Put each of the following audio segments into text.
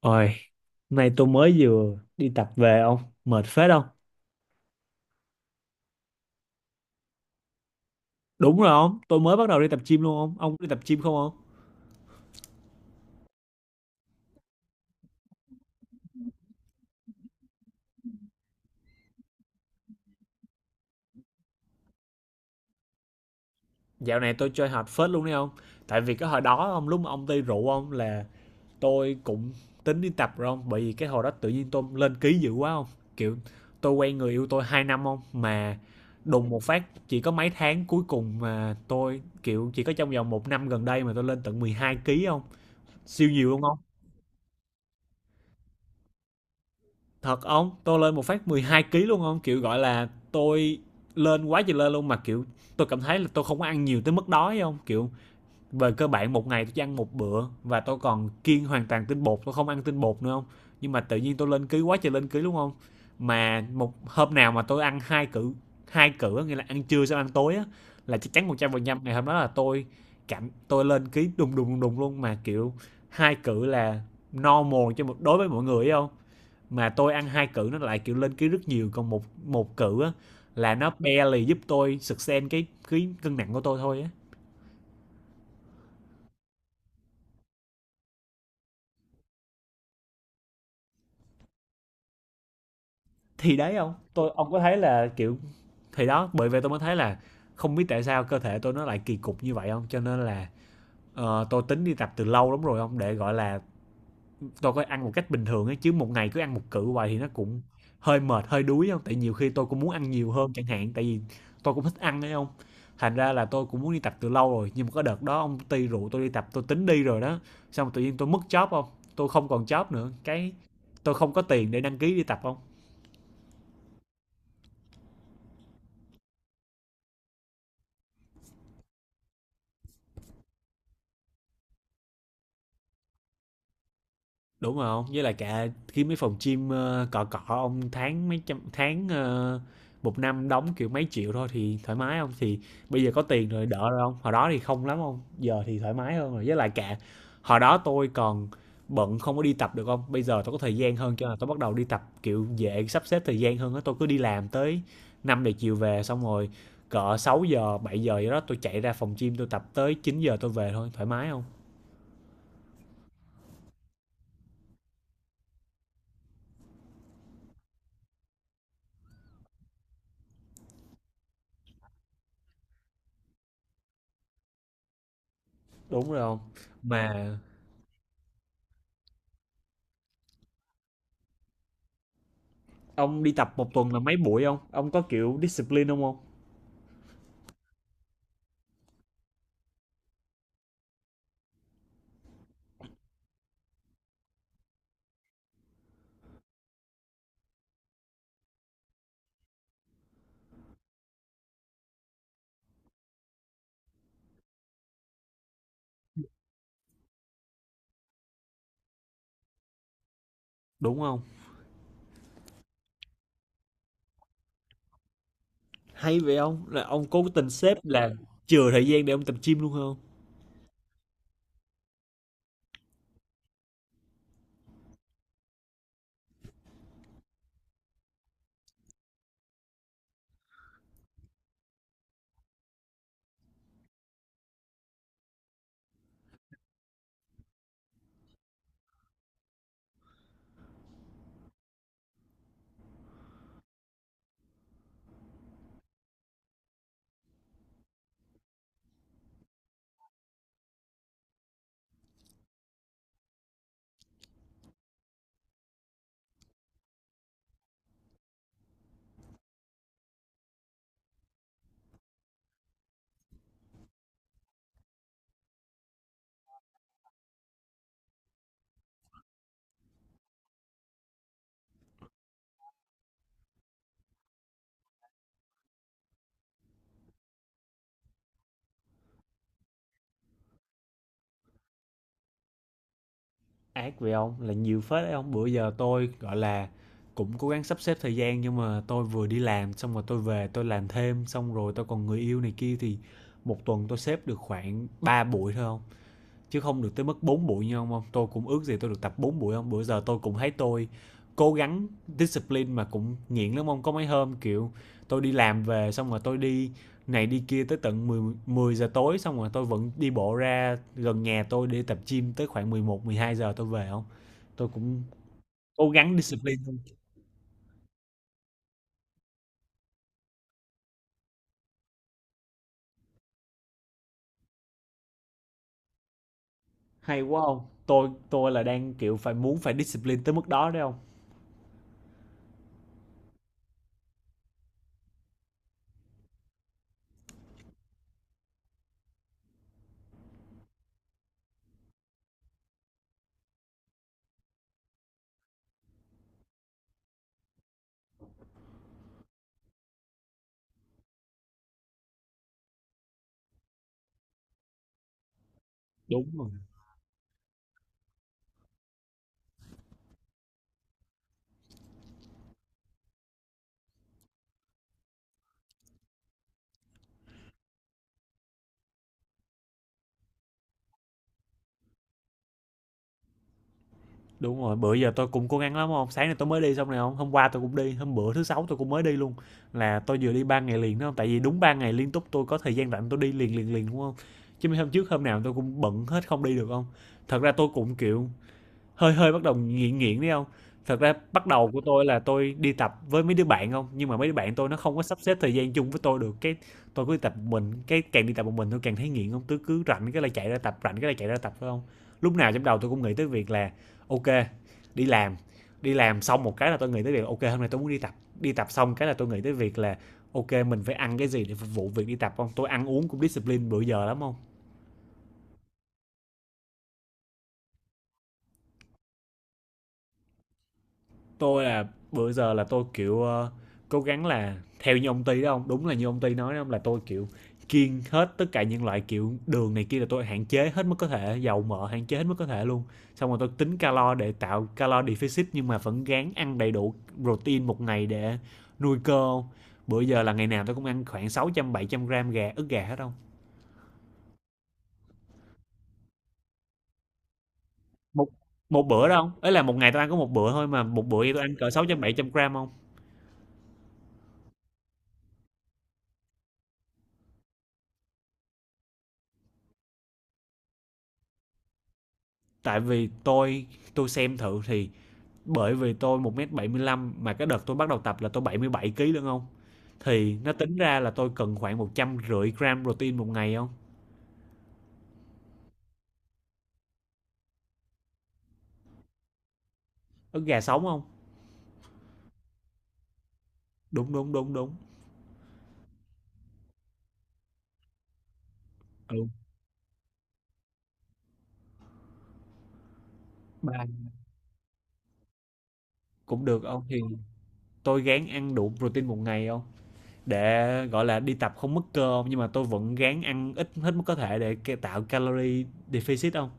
Ôi, nay tôi mới vừa đi tập về ông, mệt phết không? Đúng rồi ông, tôi mới bắt đầu đi tập gym luôn ông đi tập gym không ông? Dạo này tôi chơi hard phết luôn đấy ông, tại vì cái hồi đó ông lúc mà ông đi rượu ông là tôi cũng tính đi tập rồi ông, bởi vì cái hồi đó tự nhiên tôi lên ký dữ quá ông, kiểu tôi quen người yêu tôi 2 năm ông mà đùng một phát chỉ có mấy tháng cuối cùng mà tôi kiểu chỉ có trong vòng một năm gần đây mà tôi lên tận 12 ký ông, siêu nhiều luôn. Thật ông, tôi lên một phát 12 ký luôn không? Kiểu gọi là tôi lên quá trời lên luôn mà kiểu tôi cảm thấy là tôi không có ăn nhiều tới mức đói không? Kiểu về cơ bản một ngày tôi chỉ ăn một bữa và tôi còn kiêng hoàn toàn tinh bột, tôi không ăn tinh bột nữa không? Nhưng mà tự nhiên tôi lên ký quá trời lên ký luôn không? Mà một hôm nào mà tôi ăn hai cử, hai cử nghĩa là ăn trưa xong ăn tối á là chắc chắn 100% ngày hôm đó là tôi cảm tôi lên ký đùng đùng đùng đùng luôn mà kiểu hai cử là normal cho một đối với mọi người không? Mà tôi ăn hai cử nó lại kiểu lên ký rất nhiều, còn một một cử á là nó barely giúp tôi sustain cái cân nặng của tôi thôi á. Thì đấy ông tôi ông có thấy là kiểu thì đó bởi vậy tôi mới thấy là không biết tại sao cơ thể tôi nó lại kỳ cục như vậy không, cho nên là tôi tính đi tập từ lâu lắm rồi ông để gọi là tôi có ăn một cách bình thường ấy chứ một ngày cứ ăn một cự hoài thì nó cũng hơi mệt hơi đuối không, tại nhiều khi tôi cũng muốn ăn nhiều hơn chẳng hạn tại vì tôi cũng thích ăn đấy không. Thành ra là tôi cũng muốn đi tập từ lâu rồi nhưng mà có đợt đó ông ty rượu tôi đi tập tôi tính đi rồi đó, xong tự nhiên tôi mất job không, tôi không còn job nữa, cái tôi không có tiền để đăng ký đi tập không. Đúng rồi không, với lại cả khi mấy phòng gym cọ cọ ông tháng mấy trăm tháng một năm đóng kiểu mấy triệu thôi thì thoải mái không, thì bây giờ có tiền rồi đỡ rồi không, hồi đó thì không lắm không, giờ thì thoải mái hơn rồi, với lại cả hồi đó tôi còn bận không có đi tập được không. Bây giờ tôi có thời gian hơn cho nên là tôi bắt đầu đi tập kiểu dễ sắp xếp thời gian hơn á, tôi cứ đi làm tới 5 giờ chiều về xong rồi cỡ 6 giờ 7 giờ gì đó tôi chạy ra phòng gym tôi tập tới 9 giờ tôi về thôi thoải mái không. Đúng rồi không, mà ông đi tập một tuần là mấy buổi không? Ông có kiểu discipline không ông? Đúng không? Hay vậy ông? Là ông cố tình xếp là chừa thời gian để ông tập gym luôn không? Ác vậy ông? Là nhiều phết đấy ông. Bữa giờ tôi gọi là cũng cố gắng sắp xếp thời gian nhưng mà tôi vừa đi làm xong rồi tôi về tôi làm thêm xong rồi tôi còn người yêu này kia, thì một tuần tôi xếp được khoảng 3 buổi thôi không? Chứ không được tới mức 4 buổi như ông không, tôi cũng ước gì tôi được tập 4 buổi không, bữa giờ tôi cũng thấy tôi cố gắng discipline mà cũng nghiện lắm ông, có mấy hôm kiểu tôi đi làm về xong rồi tôi đi này đi kia tới tận 10 giờ tối xong rồi tôi vẫn đi bộ ra gần nhà tôi để tập gym tới khoảng 11 12 giờ tôi về không, tôi cũng cố gắng discipline. Hay quá không, tôi là đang kiểu phải muốn phải discipline tới mức đó đấy không. Đúng rồi. Đúng rồi, bữa giờ tôi cũng cố gắng lắm hông? Sáng nay tôi mới đi xong này không, hôm qua tôi cũng đi, hôm bữa thứ Sáu tôi cũng mới đi luôn, là tôi vừa đi 3 ngày liền đó hông? Tại vì đúng 3 ngày liên tục tôi có thời gian rảnh tôi đi liền, liền, liền đúng không. Chứ mấy hôm trước hôm nào tôi cũng bận hết không đi được không. Thật ra tôi cũng, kiểu hơi hơi bắt đầu nghiện nghiện đấy không? Thật ra bắt đầu của tôi là tôi đi tập với mấy đứa bạn không, nhưng mà mấy đứa bạn tôi nó không có sắp xếp thời gian chung với tôi được, cái tôi cứ đi tập một mình, cái càng đi tập một mình tôi càng thấy nghiện không, tôi cứ rảnh cái là chạy ra tập, rảnh cái là chạy ra tập phải không? Lúc nào trong đầu tôi cũng nghĩ tới việc là ok, đi làm, đi làm xong một cái là tôi nghĩ tới việc ok hôm nay tôi muốn đi tập xong cái là tôi nghĩ tới việc là ok mình phải ăn cái gì để phục vụ việc đi tập không? Tôi ăn uống cũng discipline bữa giờ lắm không? Tôi là bữa giờ là tôi kiểu cố gắng là theo như ông Ty đó không? Đúng là như ông Ty nói đó không? Là tôi kiểu kiêng hết tất cả những loại kiểu đường này kia là tôi hạn chế hết mức có thể, dầu mỡ hạn chế hết mức có thể luôn. Xong rồi tôi tính calo để tạo calo deficit nhưng mà vẫn gắng ăn đầy đủ protein một ngày để nuôi cơ. Bữa giờ là ngày nào tôi cũng ăn khoảng 600 700 gram gà ức gà hết không? Một một bữa đâu không? Ấy là một ngày tôi ăn có một bữa thôi mà một bữa vậy tôi ăn cỡ 600 700 gram không? Tại vì tôi xem thử thì bởi vì tôi 1,75 m mà cái đợt tôi bắt đầu tập là tôi 77 kg đúng không? Thì nó tính ra là tôi cần khoảng 150 gram protein một ngày không. Ức gà sống không. Đúng, đúng, đúng, đúng. Ừ, ba cũng được không, thì tôi ráng ăn đủ protein một ngày không. Để, gọi là, đi tập không mất cơ hông? Nhưng mà tôi vẫn ráng ăn ít hết mức có thể để tạo calorie deficit không.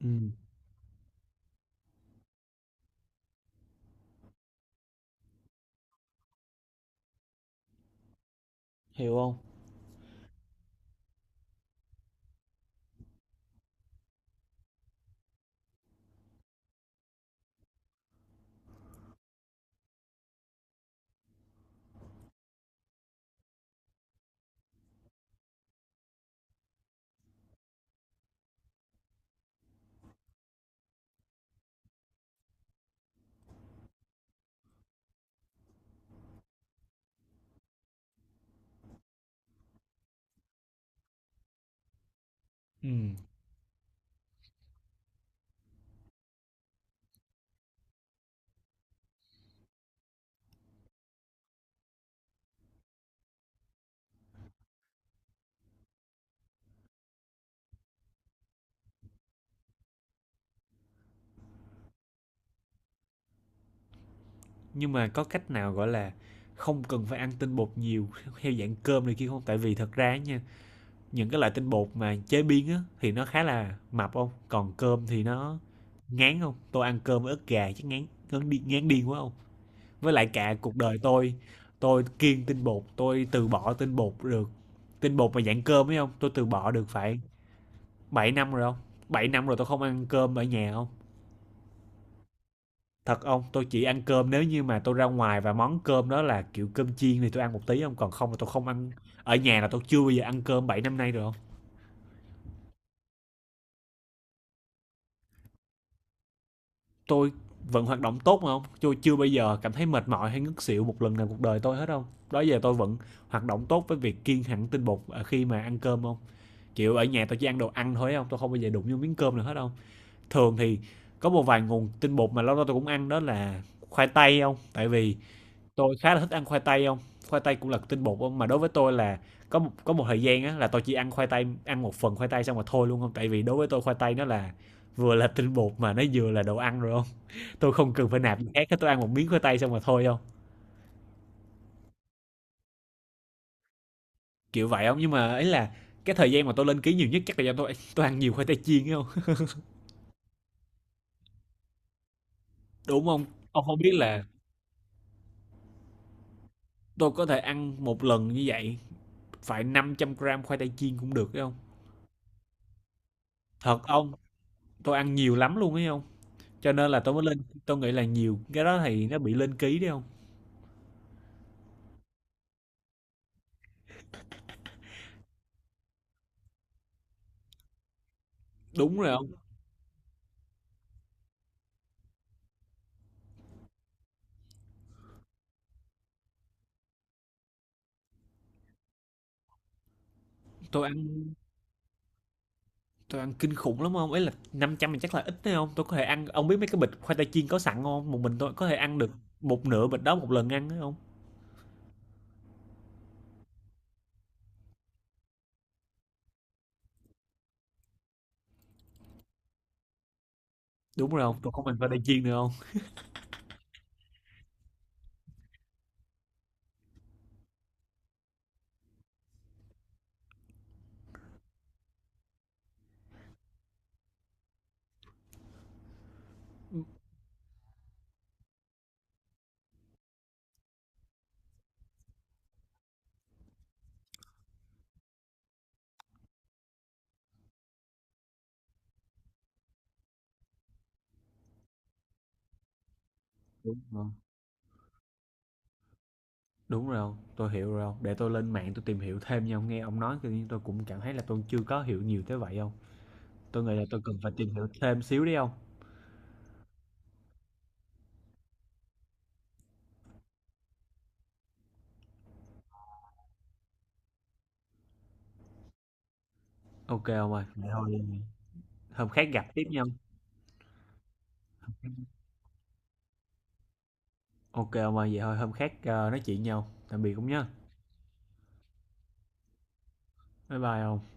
Ừm, hiểu không. Ừm, nhưng mà có cách nào, gọi là, không cần phải ăn tinh bột nhiều theo dạng cơm này kia hông? Tại vì thật ra nha, những cái loại tinh bột mà chế biến á thì nó khá là mập không? Còn cơm thì nó ngán không? Tôi ăn cơm với ức gà chắc ngán ngán điên quá không? Với lại cả cuộc đời tôi kiêng tinh bột, tôi từ bỏ tinh bột được. Tinh bột mà dạng cơm ấy không? Tôi từ bỏ được phải 7 năm rồi không? 7 năm rồi tôi không ăn cơm ở nhà không? Thật không? Tôi chỉ ăn cơm nếu như mà tôi ra ngoài và món cơm đó là kiểu cơm chiên thì tôi ăn một tí không? Còn không là tôi không ăn. Ở nhà là tôi chưa bao giờ ăn cơm 7 năm nay rồi không? Tôi vẫn hoạt động tốt mà không, tôi chưa bao giờ cảm thấy mệt mỏi hay ngất xỉu một lần nào cuộc đời tôi hết không. Đó giờ tôi vẫn hoạt động tốt với việc kiêng hẳn tinh bột ở khi mà ăn cơm không, kiểu ở nhà tôi chỉ ăn đồ ăn thôi không, tôi không bao giờ đụng vô miếng cơm nào hết không. Thường thì có một vài nguồn tinh bột mà lâu lâu tôi cũng ăn đó là khoai tây không, tại vì tôi khá là thích ăn khoai tây không, khoai tây cũng là tinh bột không, mà đối với tôi là có một thời gian á là tôi chỉ ăn khoai tây ăn một phần khoai tây xong rồi thôi luôn không, tại vì đối với tôi khoai tây nó là vừa là tinh bột mà nó vừa là đồ ăn rồi không, tôi không cần phải nạp gì khác hết, tôi ăn một miếng khoai tây xong rồi thôi không. Kiểu vậy không, nhưng mà ấy là cái thời gian mà tôi lên ký nhiều nhất chắc là do tôi ăn nhiều khoai tây chiên không. Đúng không, ông không biết là tôi có thể ăn một lần như vậy phải 500 gram khoai tây chiên cũng được ấy không. Thật ông, tôi ăn nhiều lắm luôn ấy không, cho nên là tôi mới lên, tôi nghĩ là nhiều cái đó thì nó bị lên ký đấy không. Đúng rồi không? tôi ăn tôi ăn kinh khủng lắm không, ấy là 500 thì chắc là ít đấy không, tôi có thể ăn, ông biết mấy cái bịch khoai tây chiên có sẵn không, một mình tôi có thể ăn được một nửa bịch đó một lần ăn đấy không. Đúng rồi không, tôi không, mình phải đi chiên nữa không. Đúng rồi, đúng rồi không, tôi hiểu rồi không. Để tôi lên mạng tôi tìm hiểu thêm nha, ông nghe ông nói tự nhiên tôi cũng cảm thấy là tôi chưa có hiểu nhiều tới vậy không. Tôi nghĩ là tôi cần phải tìm hiểu thêm xíu đi không. Ok ông ơi, vậy thôi hôm khác gặp tiếp nhau. Ok ông ơi, vậy thôi hôm khác, nói chuyện nhau. Tạm biệt cũng nhá. Bye bye ông.